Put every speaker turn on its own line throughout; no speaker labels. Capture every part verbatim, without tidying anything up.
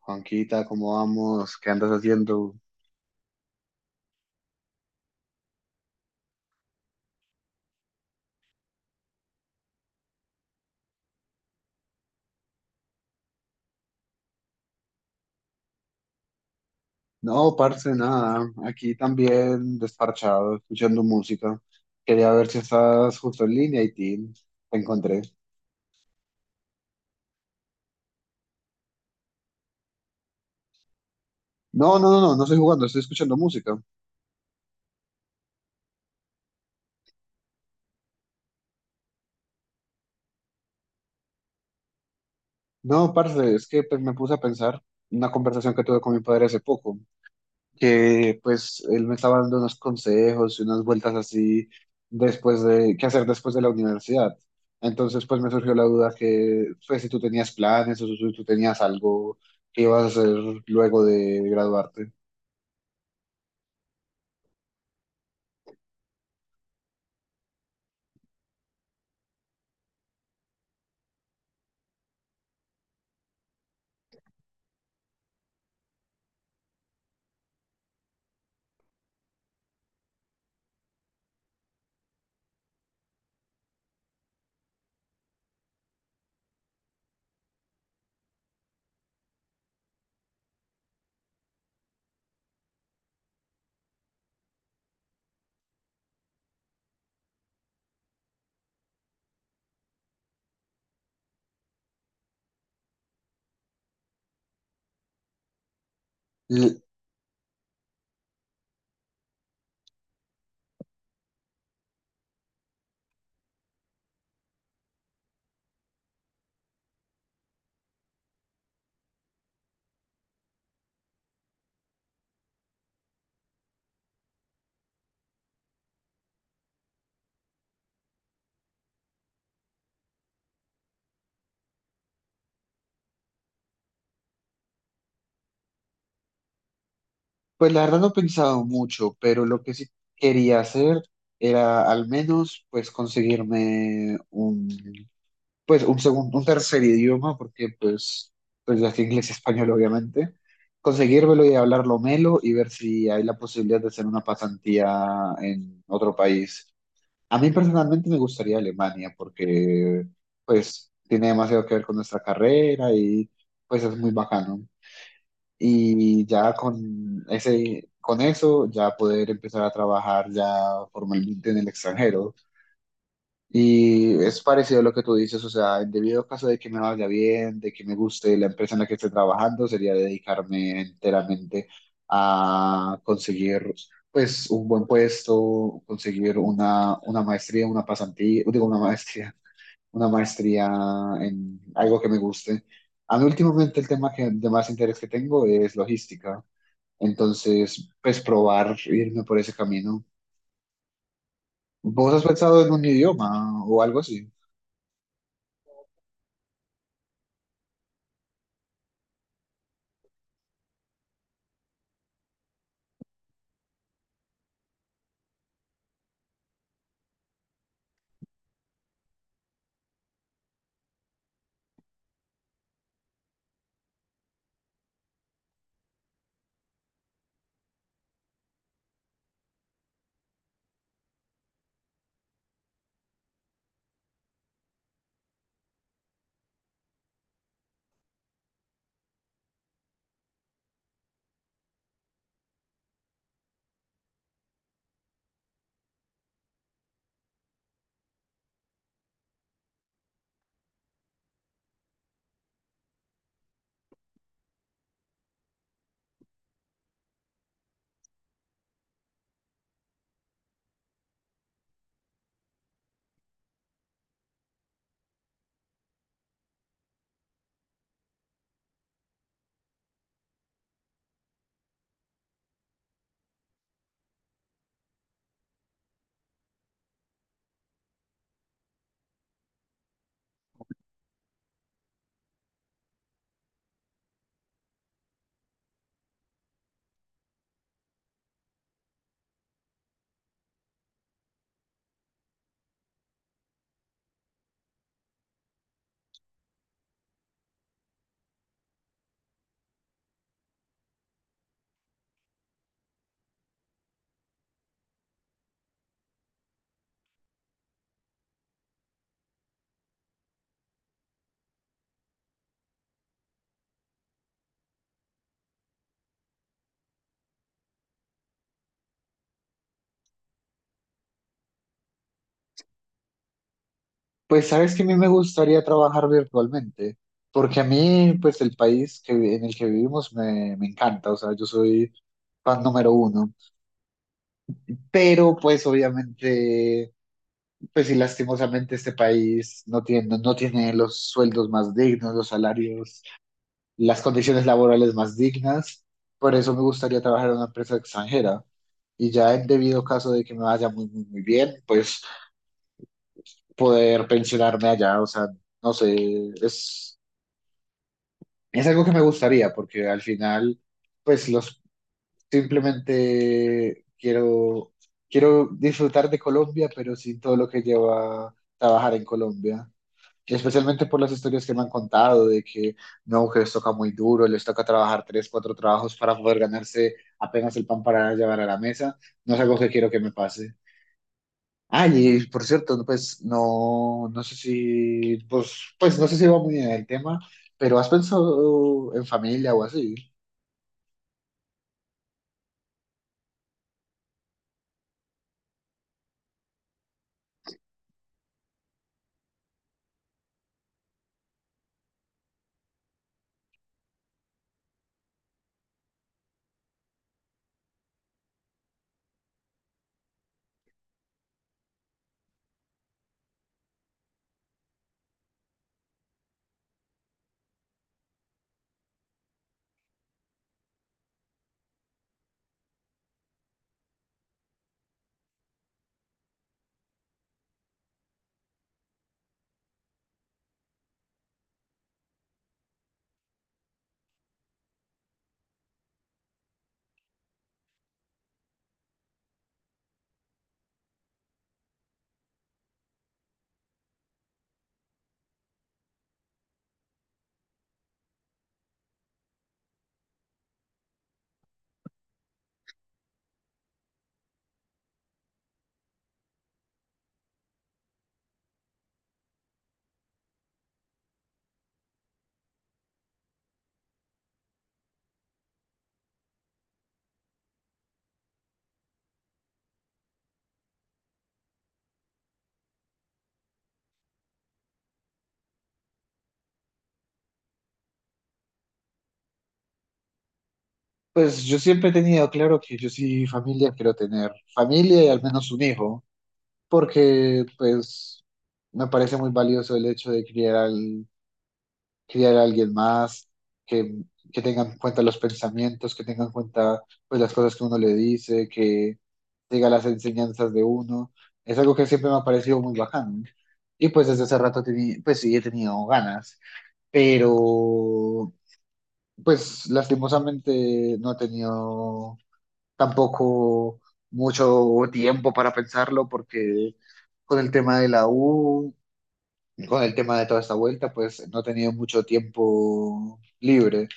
Juanquita, ¿cómo vamos? ¿Qué andas haciendo? No, parce, nada. Aquí también desparchado, escuchando música. Quería ver si estás justo en línea y tin, te encontré. No, no, no, no, no estoy jugando, estoy escuchando música. No, parce, es que pues, me puse a pensar una conversación que tuve con mi padre hace poco, que pues él me estaba dando unos consejos y unas vueltas así después de qué hacer después de la universidad. Entonces pues me surgió la duda que pues, si tú tenías planes o si tú tenías algo que ibas a hacer luego de graduarte. L- Pues la verdad no he pensado mucho, pero lo que sí quería hacer era al menos pues conseguirme un pues un segundo, un tercer idioma, porque pues, pues ya que inglés y español obviamente, conseguírmelo y hablarlo melo y ver si hay la posibilidad de hacer una pasantía en otro país. A mí personalmente me gustaría Alemania porque pues tiene demasiado que ver con nuestra carrera y pues es muy bacano. Y ya con ese, con eso ya poder empezar a trabajar ya formalmente en el extranjero. Y es parecido a lo que tú dices, o sea, en debido caso de que me vaya bien, de que me guste la empresa en la que esté trabajando, sería dedicarme enteramente a conseguir, pues, un buen puesto, conseguir una, una maestría, una pasantía, digo, una maestría, una maestría en algo que me guste. A mí últimamente el tema que, de más interés que tengo es logística, entonces, pues, probar irme por ese camino. ¿Vos has pensado en un idioma o algo así? Pues sabes que a mí me gustaría trabajar virtualmente, porque a mí, pues el país que, vi- en el que vivimos me, me encanta, o sea, yo soy fan número uno, pero pues obviamente, pues sí, lastimosamente este país no tiene, no tiene los sueldos más dignos, los salarios, las condiciones laborales más dignas, por eso me gustaría trabajar en una empresa extranjera y ya en debido caso de que me vaya muy, muy, muy bien, pues poder pensionarme allá, o sea, no sé, es... Es algo que me gustaría, porque al final, pues los simplemente quiero, quiero disfrutar de Colombia, pero sin todo lo que lleva trabajar en Colombia. Y especialmente por las historias que me han contado de que no, que les toca muy duro, les toca trabajar tres, cuatro trabajos para poder ganarse apenas el pan para llevar a la mesa. No es algo que quiero que me pase. Ah, y por cierto, no, pues no, no sé si, pues, pues no sé si va muy bien el tema, pero ¿has pensado en familia o así? Pues yo siempre he tenido claro que yo sí familia quiero tener, familia y al menos un hijo, porque pues me parece muy valioso el hecho de criar, al, criar a alguien más, que, que tengan en cuenta los pensamientos, que tengan en cuenta pues las cosas que uno le dice, que diga las enseñanzas de uno. Es algo que siempre me ha parecido muy bacano. Y pues desde hace rato teni- pues sí he tenido ganas, pero pues lastimosamente no he tenido tampoco mucho tiempo para pensarlo porque con el tema de la U, con el tema de toda esta vuelta, pues no he tenido mucho tiempo libre.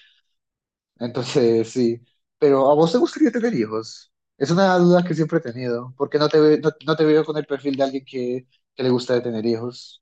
Entonces, sí. Pero ¿a vos te gustaría tener hijos? Es una duda que siempre he tenido, porque no te, ve- no, no te veo con el perfil de alguien que, que le gusta tener hijos.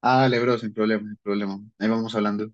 Ah, dale, bro, sin problema, sin problema. Ahí vamos hablando.